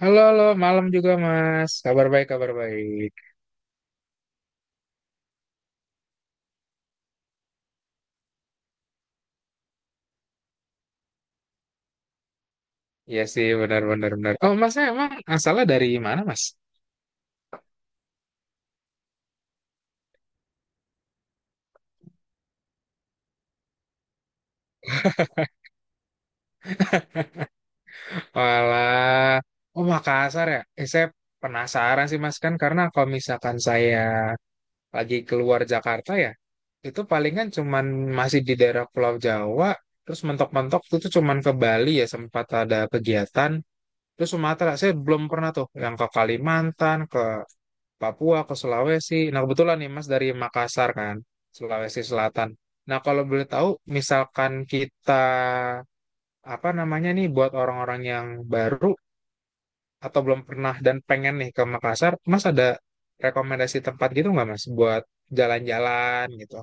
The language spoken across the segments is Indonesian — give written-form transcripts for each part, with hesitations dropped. Halo, halo, malam juga Mas. Kabar baik, kabar baik. Iya sih, benar, benar, benar. Oh, Mas, emang asalnya dari mana, Mas? Walah, oh Makassar ya. Saya penasaran sih, Mas, kan karena kalau misalkan saya lagi keluar Jakarta ya, itu palingan cuman masih di daerah Pulau Jawa, terus mentok-mentok itu tuh cuman ke Bali ya sempat ada kegiatan. Terus Sumatera, saya belum pernah tuh yang ke Kalimantan, Papua ke Sulawesi. Nah, kebetulan nih Mas dari Makassar kan, Sulawesi Selatan. Nah, kalau boleh tahu, misalkan kita apa namanya nih buat orang-orang yang baru atau belum pernah dan pengen nih ke Makassar, Mas ada rekomendasi tempat gitu nggak Mas buat jalan-jalan gitu?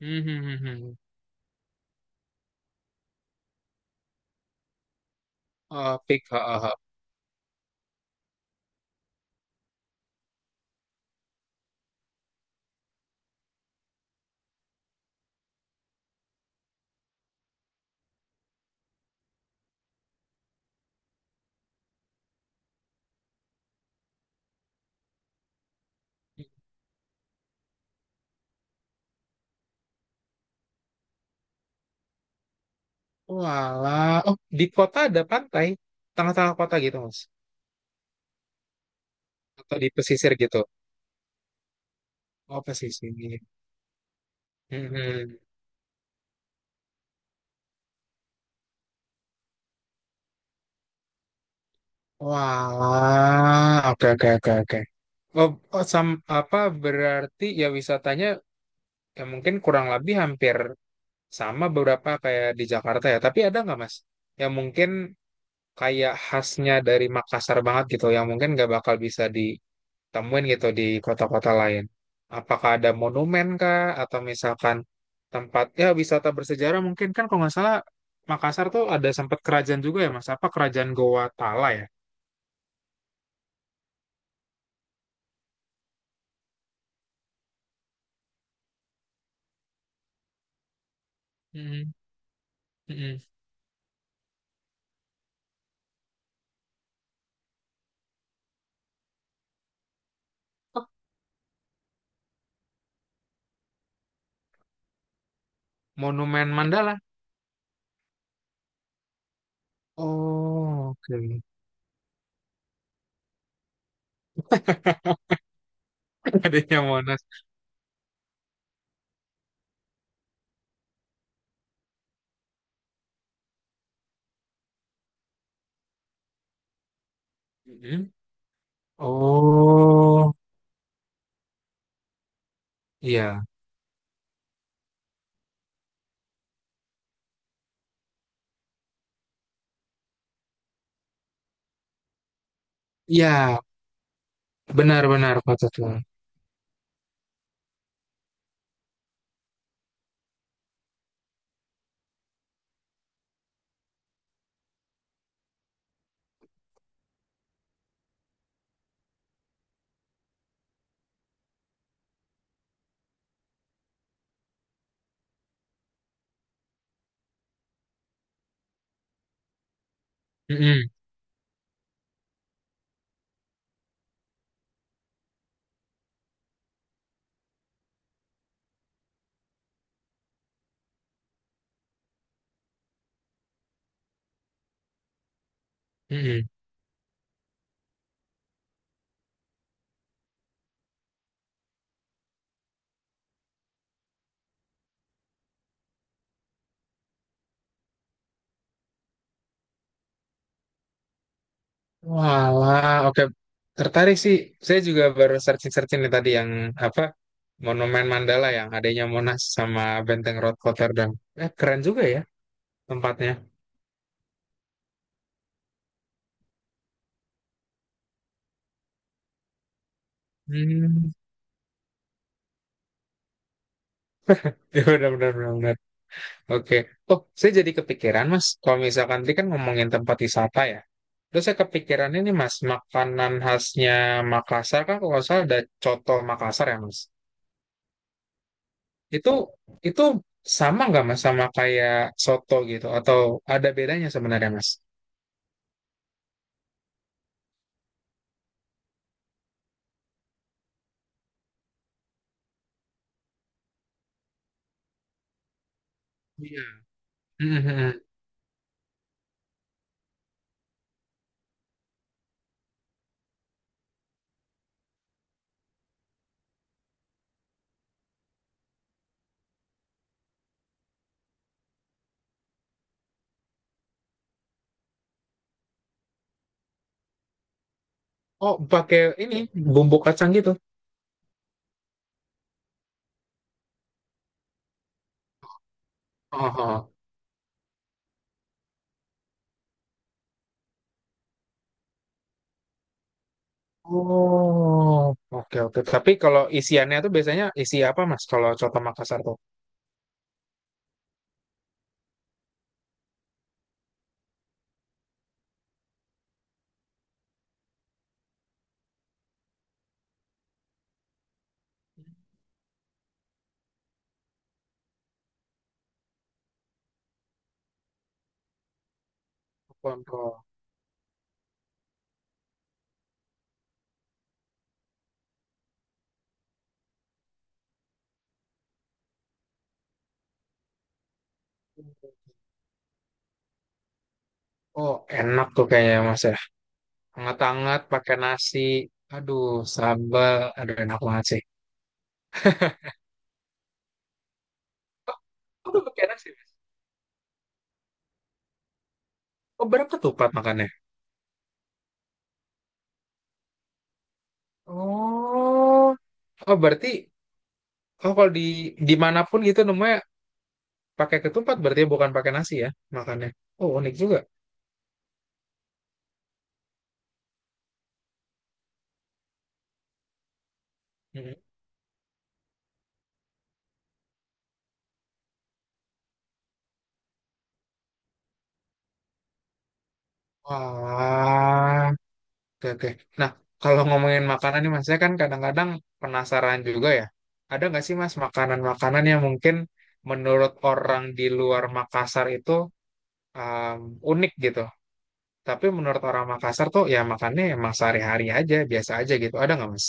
Hmm, hmm, hmm, hmm. Oh, pik, ha, ha, ha. Walah, oh di kota ada pantai, tengah-tengah kota gitu Mas, atau di pesisir gitu? Oh pesisir. Hmm, hmm. Wah, oke oke oke oke. Oh, oh, sam apa berarti ya wisatanya ya mungkin kurang lebih hampir sama beberapa kayak di Jakarta ya. Tapi ada nggak Mas yang mungkin kayak khasnya dari Makassar banget gitu yang mungkin nggak bakal bisa ditemuin gitu di kota-kota lain. Apakah ada monumen kah atau misalkan tempat ya wisata bersejarah mungkin kan kalau nggak salah Makassar tuh ada sempat kerajaan juga ya Mas. Apa kerajaan Goa Tala ya? Mm-mm, mm-mm. Monumen Mandala. Oh, oke. Adanya Monas. Mhm. Oh, iya. Iya, benar-benar kota tua. Mhm, mhm. Walah, oke. Tertarik sih. Saya juga baru searching-searching nih tadi yang apa Monumen Mandala yang adanya Monas sama Benteng Rood Rotterdam. Keren juga ya tempatnya. Hmm. Ya, benar-benar Oke. Oh, saya jadi kepikiran, Mas. Kalau misalkan tadi kan ngomongin tempat wisata ya. Terus saya kepikiran ini, Mas, makanan khasnya Makassar kan kalau nggak salah ada coto Makassar ya, Mas. Itu itu sama nggak, Mas, sama kayak soto gitu? Atau ada bedanya sebenarnya, Mas? Iya. Mhm. Oh, pakai ini bumbu kacang gitu. Oh, oh. Oh, oke oke. Tapi kalau isiannya tuh biasanya isi apa, Mas? Kalau coto Makassar tuh? Lontong. Oh, enak tuh kayaknya Mas ya. Hangat-hangat pakai nasi. Aduh, sambal. Aduh, enak banget sih. Oh, udah pakai nasi. Mas? Oh, berapa tuh Pat makannya? Oh, oh berarti oh kalau di dimanapun gitu namanya pakai ketupat berarti ya bukan pakai nasi ya makannya. Oh, unik juga. Mhm. Wah, oke oke. Nah, kalau ngomongin makanan nih Mas, saya kan kadang-kadang penasaran juga ya. Ada nggak sih Mas makanan-makanan yang mungkin menurut orang di luar Makassar itu um, unik gitu. Tapi menurut orang Makassar tuh ya makannya emang sehari-hari aja, biasa aja gitu. Ada nggak mas?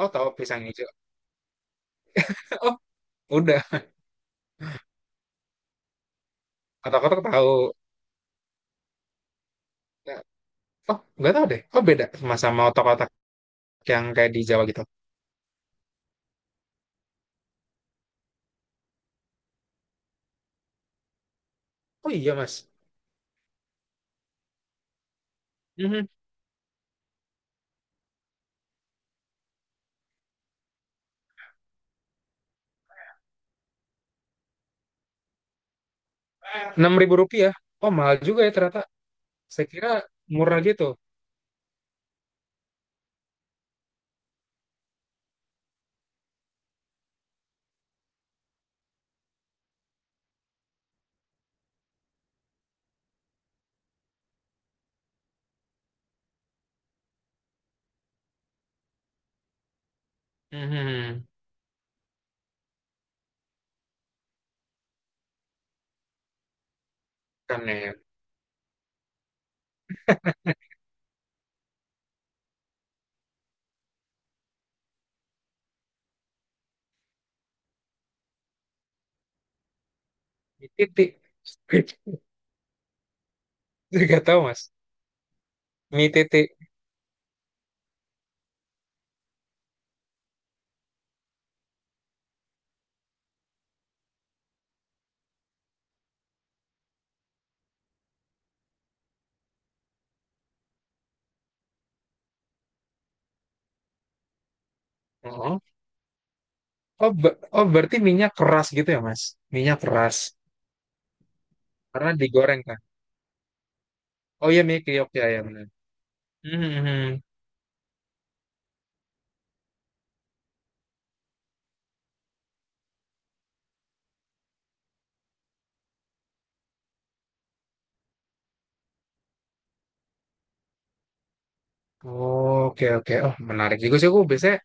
Oh tahu pisang hijau. Oh udah. Otak-otak tahu. Nah, Oh nggak tahu deh. Oh beda sama sama otak-otak yang kayak di Jawa gitu. Oh iya mas. Rp6.000. Oh mahal juga ya ternyata. Saya kira murah gitu. Mhm. Kan ya. Mie titik. Gak tahu mas. Mie titik. Oh, oh, be- oh berarti minyak keras gitu ya mas? Minyak keras. Karena digoreng kan? Oh iya Miki Yogya ya benar. Mhm. Oh, Oke oke. Oh menarik juga sih. Aku biasanya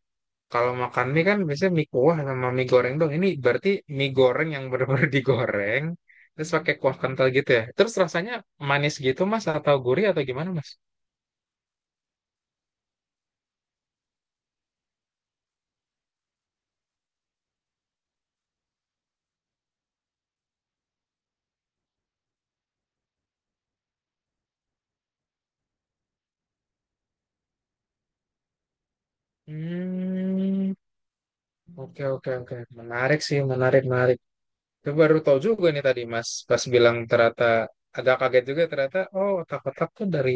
kalau makan mie kan biasanya mie kuah sama mie goreng dong. Ini berarti mie goreng yang benar-benar digoreng terus pakai kuah kental gitu ya. Terus rasanya manis gitu Mas atau gurih atau gimana Mas? Hmm. Oke oke oke. Menarik sih menarik menarik. Itu baru tahu juga nih tadi Mas pas bilang ternyata agak kaget juga ternyata oh otak-otak tuh dari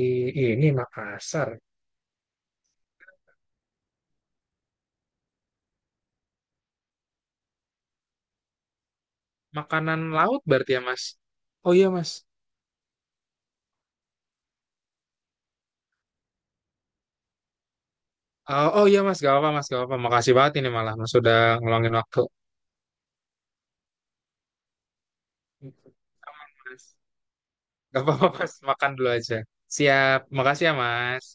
ini Makassar. Makanan laut berarti ya, Mas. Oh iya, Mas. Oh iya, Mas. Gak apa-apa, Mas. Gak apa-apa. Makasih banget ini malah, Mas. Sudah ngeluangin waktu. Aman, Mas. Gak apa-apa, Mas. Makan dulu aja. Siap. Makasih ya, Mas.